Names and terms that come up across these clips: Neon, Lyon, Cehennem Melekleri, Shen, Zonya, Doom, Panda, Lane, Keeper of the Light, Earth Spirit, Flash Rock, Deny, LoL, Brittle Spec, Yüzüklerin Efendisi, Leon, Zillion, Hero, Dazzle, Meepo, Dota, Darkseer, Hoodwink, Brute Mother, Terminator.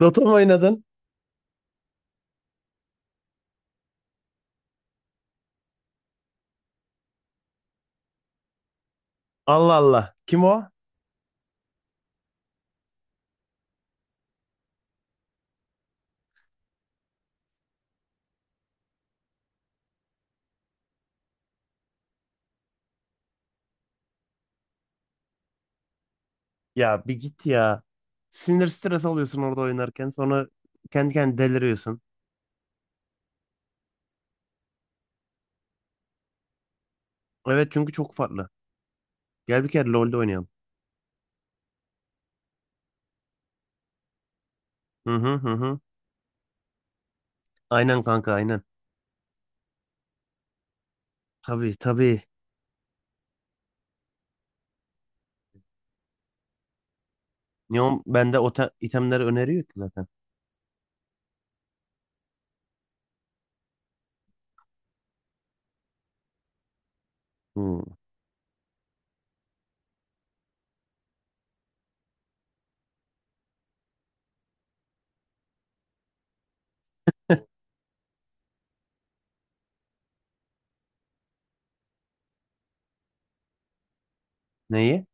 Dota mı oynadın? Allah Allah. Kim o? Ya bir git ya. Sinir stres alıyorsun orada oynarken. Sonra kendi kendine deliriyorsun. Evet çünkü çok farklı. Gel bir kere LoL'de oynayalım. Hı hı hı hı. Aynen kanka aynen. Tabii tabii. Neon bende o itemleri öneriyor ki zaten. Hı. Neyi?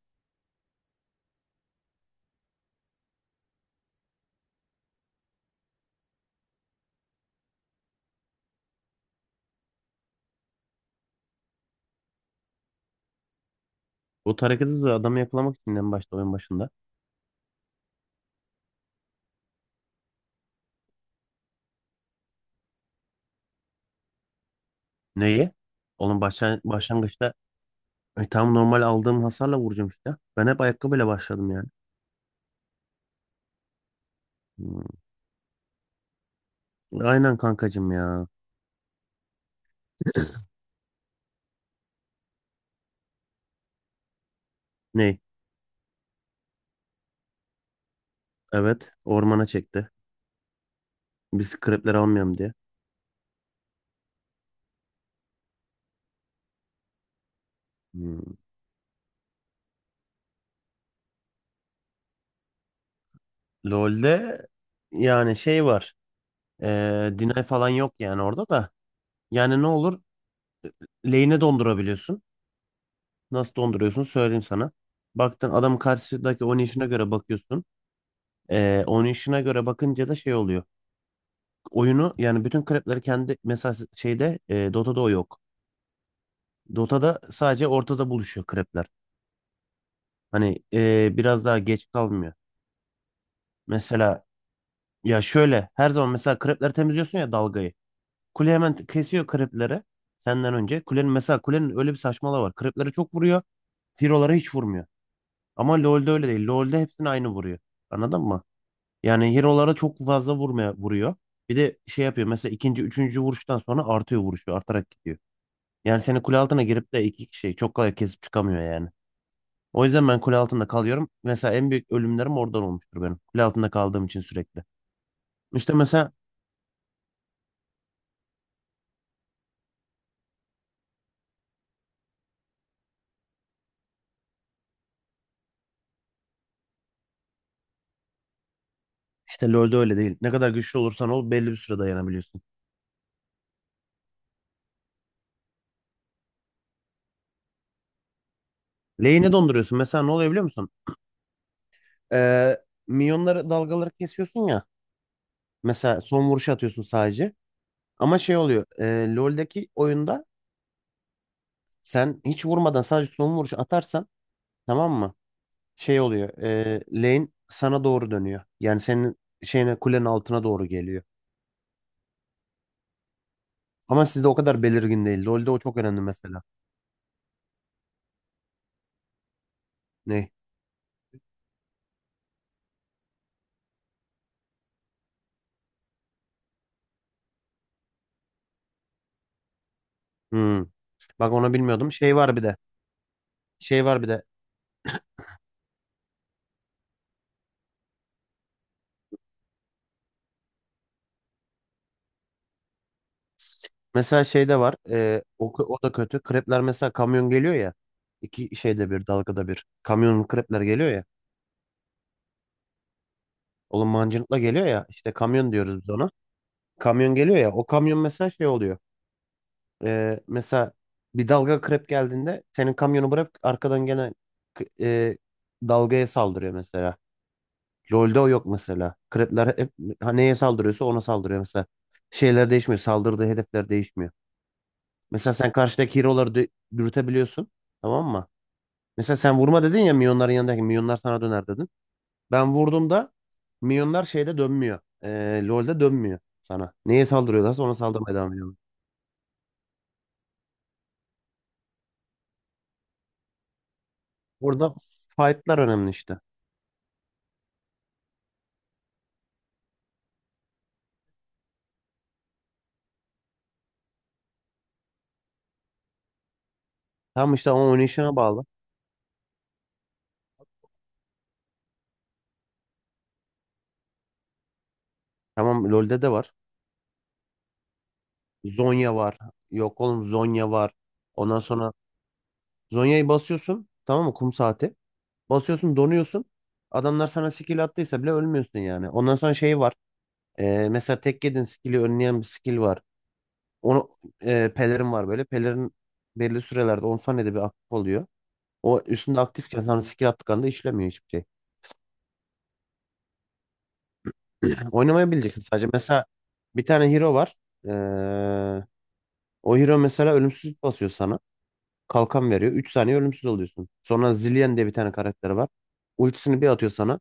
O hareketi hızı adamı yakalamak için en başta oyun başında. Neyi? Oğlum başlangıçta tam normal aldığım hasarla vuracağım işte. Ben hep ayakkabıyla başladım yani. Hı. Aynen kankacım ya. Ney? Evet, ormana çekti. Biz krepler almayalım diye. Hmm. LoL'de yani şey var. Deny falan yok yani orada da. Yani ne olur? Lane'e dondurabiliyorsun. Nasıl donduruyorsun söyleyeyim sana. Baktın adam karşıdaki oynayışına göre bakıyorsun. Oynayışına göre bakınca da şey oluyor. Oyunu yani bütün krepleri kendi mesela şeyde Dota'da o yok. Dota'da sadece ortada buluşuyor krepler. Hani biraz daha geç kalmıyor. Mesela ya şöyle her zaman mesela krepleri temizliyorsun ya dalgayı. Kule hemen kesiyor krepleri senden önce. Kulenin mesela kulenin öyle bir saçmalığı var. Kreplere çok vuruyor. Hero'lara hiç vurmuyor. Ama LoL'de öyle değil. LoL'de hepsini aynı vuruyor. Anladın mı? Yani hero'lara çok fazla vurmaya vuruyor. Bir de şey yapıyor mesela ikinci, üçüncü vuruştan sonra artıyor vuruşu. Artarak gidiyor. Yani seni kule altına girip de iki kişiyi çok kolay kesip çıkamıyor yani. O yüzden ben kule altında kalıyorum. Mesela en büyük ölümlerim oradan olmuştur benim. Kule altında kaldığım için sürekli. İşte mesela İşte LoL'de öyle değil. Ne kadar güçlü olursan ol belli bir süre dayanabiliyorsun. Lane'e donduruyorsun. Mesela ne oluyor biliyor musun? Ee, minyonları dalgaları kesiyorsun ya. Mesela son vuruşu atıyorsun sadece. Ama şey oluyor. LoL'deki oyunda sen hiç vurmadan sadece son vuruşu atarsan tamam mı? Şey oluyor. Lane sana doğru dönüyor. Yani senin şeyine kulenin altına doğru geliyor. Ama sizde o kadar belirgin değil. LoL'de o çok önemli mesela. Ne? Hmm. Bak onu bilmiyordum. Şey var bir de. Şey var bir de. Mesela şeyde var. O da kötü. Krepler mesela kamyon geliyor ya. İki şeyde bir dalgada bir. Kamyon krepler geliyor ya. Oğlum mancınıkla geliyor ya. İşte kamyon diyoruz biz ona. Kamyon geliyor ya. O kamyon mesela şey oluyor. Mesela bir dalga krep geldiğinde senin kamyonu bırak arkadan gene k- e, dalgaya saldırıyor mesela. LoL'de o yok mesela. Krepler hep ha, neye saldırıyorsa ona saldırıyor mesela. Şeyler değişmiyor. Saldırdığı hedefler değişmiyor. Mesela sen karşıdaki dürütebiliyorsun. Tamam mı? Mesela sen vurma dedin ya milyonların yanındaki milyonlar sana döner dedin. Ben vurduğumda milyonlar şeyde dönmüyor. LoL'de dönmüyor sana. Neye saldırıyorlarsa ona saldırmaya devam ediyorlar. Burada fight'lar önemli işte. Tam işte o oynayışına bağlı. Tamam LoL'de de var. Zonya var. Yok oğlum Zonya var. Ondan sonra Zonya'yı basıyorsun. Tamam mı? Kum saati. Basıyorsun donuyorsun. Adamlar sana skill attıysa bile ölmüyorsun yani. Ondan sonra şey var. Mesela tek yedin skill'i önleyen bir skill var. Onu Pelerin var böyle. Pelerin belli sürelerde 10 saniyede bir aktif oluyor. O üstünde aktifken sana skill attıklarında işlemiyor hiçbir şey. Oynamayı bileceksin sadece. Mesela bir tane hero var. Ee, o hero mesela ölümsüzlük basıyor sana. Kalkan veriyor. 3 saniye ölümsüz oluyorsun. Sonra Zillion diye bir tane karakter var. Ultisini bir atıyor sana.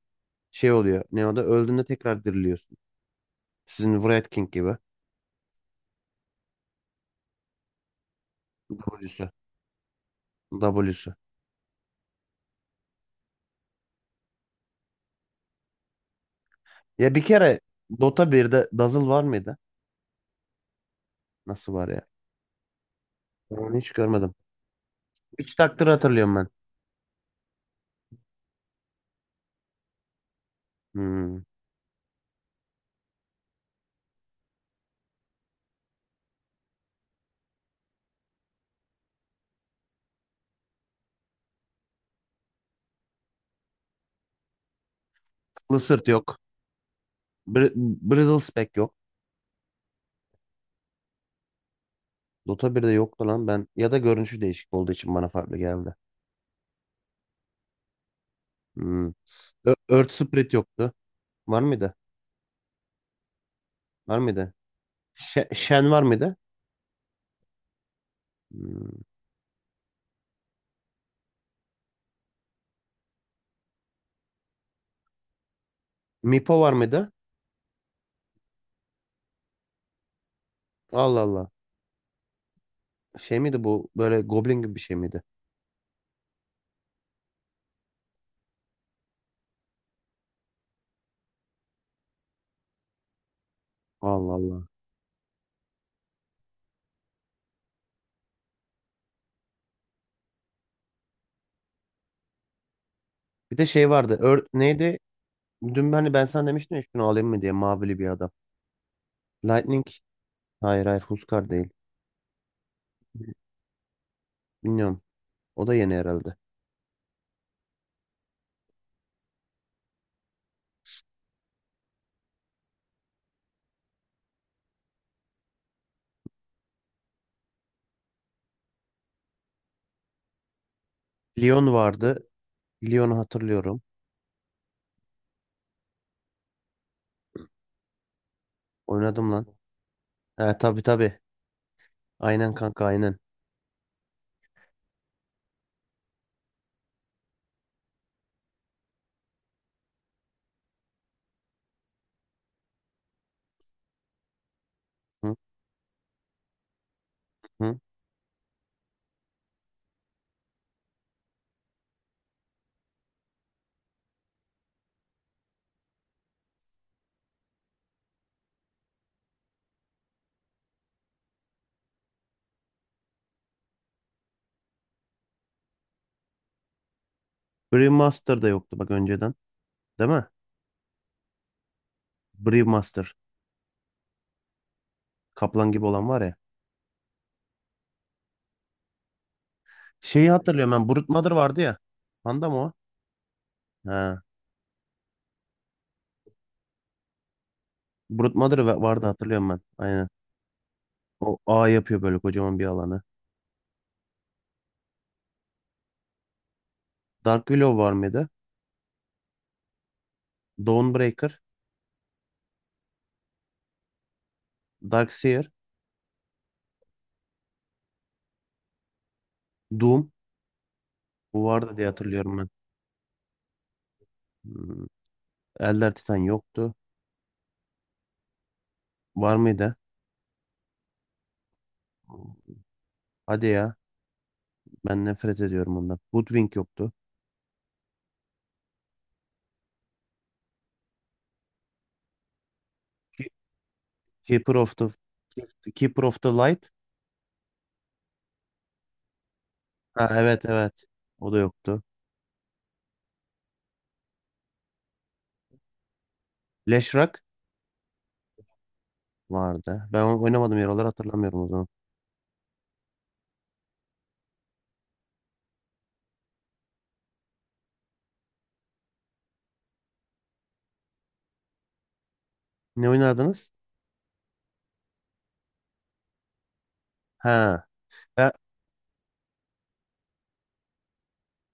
Şey oluyor. Ne o da öldüğünde tekrar diriliyorsun. Sizin Wraith King gibi. W'su. W'su. Ya bir kere Dota 1'de Dazzle var mıydı? Nasıl var ya? Ben onu hiç görmedim. Üç takdir hatırlıyorum ben. Hmm. Kılı sırt yok. Brittle spec yok. Dota 1'de yoktu lan ben. Ya da görünüşü değişik olduğu için bana farklı geldi. Hmm. Earth Spirit yoktu. Var mıydı? Var mıydı? Shen var mıydı? Hmm. Meepo var mıydı? Allah Allah. Şey miydi bu? Böyle goblin gibi bir şey miydi? Allah Allah. Bir de şey vardı. Earth neydi? Dün hani ben sana demiştim ya şunu alayım mı diye mavili bir adam. Lightning. Hayır, hayır, Huskar değil. Bilmiyorum. O da yeni herhalde. Leon vardı. Lyon'u hatırlıyorum. Oynadım lan. He tabii, tabii. Aynen kanka aynen. Hı hı. Brewmaster da yoktu bak önceden. Değil mi? Brewmaster. Kaplan gibi olan var ya. Şeyi hatırlıyorum ben. Brute Mother vardı ya. Panda mı o? He. Brute Mother vardı hatırlıyorum ben. Aynen. O ağ yapıyor böyle kocaman bir alanı. Dark Willow var mıydı? Dawnbreaker. Darkseer. Doom. Bu vardı diye hatırlıyorum ben. Hmm. Elder Titan yoktu. Var mıydı? Hadi ya. Ben nefret ediyorum ondan. Hoodwink yoktu. Keeper of the Keeper of the Light. Ha, evet, evet. O da yoktu. Flash Rock vardı. Ben onu oynamadım yaraları hatırlamıyorum o zaman. Ne oynardınız? Ha. Ya,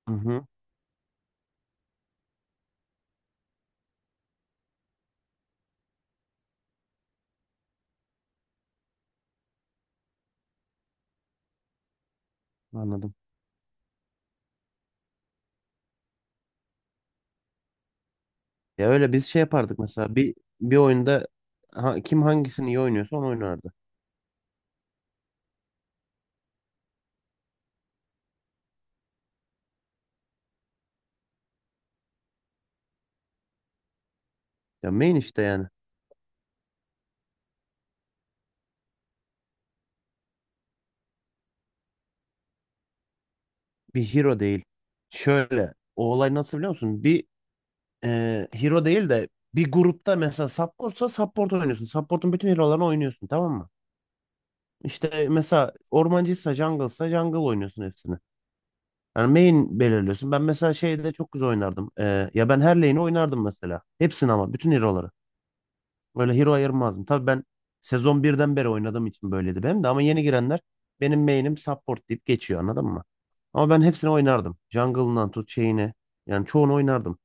hı hı, anladım. Ya öyle biz şey yapardık mesela bir oyunda ha, kim hangisini iyi oynuyorsa onu oynardı. Ya main işte yani. Bir hero değil. Şöyle o olay nasıl biliyor musun? Hero değil de bir grupta mesela supportsa support oynuyorsun. Support'un bütün hero'larını oynuyorsun tamam mı? İşte mesela ormancıysa jungle'sa jungle oynuyorsun hepsini. Yani main belirliyorsun. Ben mesela şeyde çok güzel oynardım. Ya ben her lane'i oynardım mesela. Hepsini ama bütün hero'ları. Böyle hero ayırmazdım. Tabii ben sezon birden beri oynadığım için böyleydi benim de. Ama yeni girenler benim main'im support deyip geçiyor anladın mı? Ama ben hepsini oynardım. Jungle'ından tut şeyine. Yani çoğunu oynardım.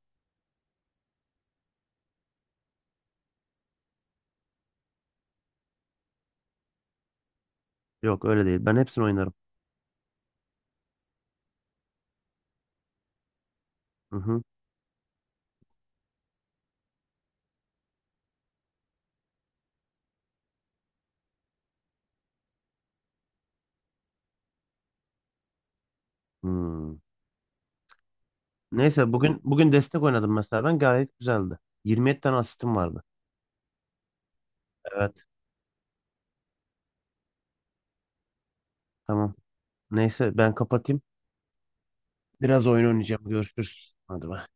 Yok öyle değil. Ben hepsini oynarım. Hı hı. Hmm. Neyse bugün destek oynadım mesela ben gayet güzeldi. 27 tane asistim vardı. Evet. Tamam. Neyse ben kapatayım. Biraz oyun oynayacağım. Görüşürüz. Hadi bay.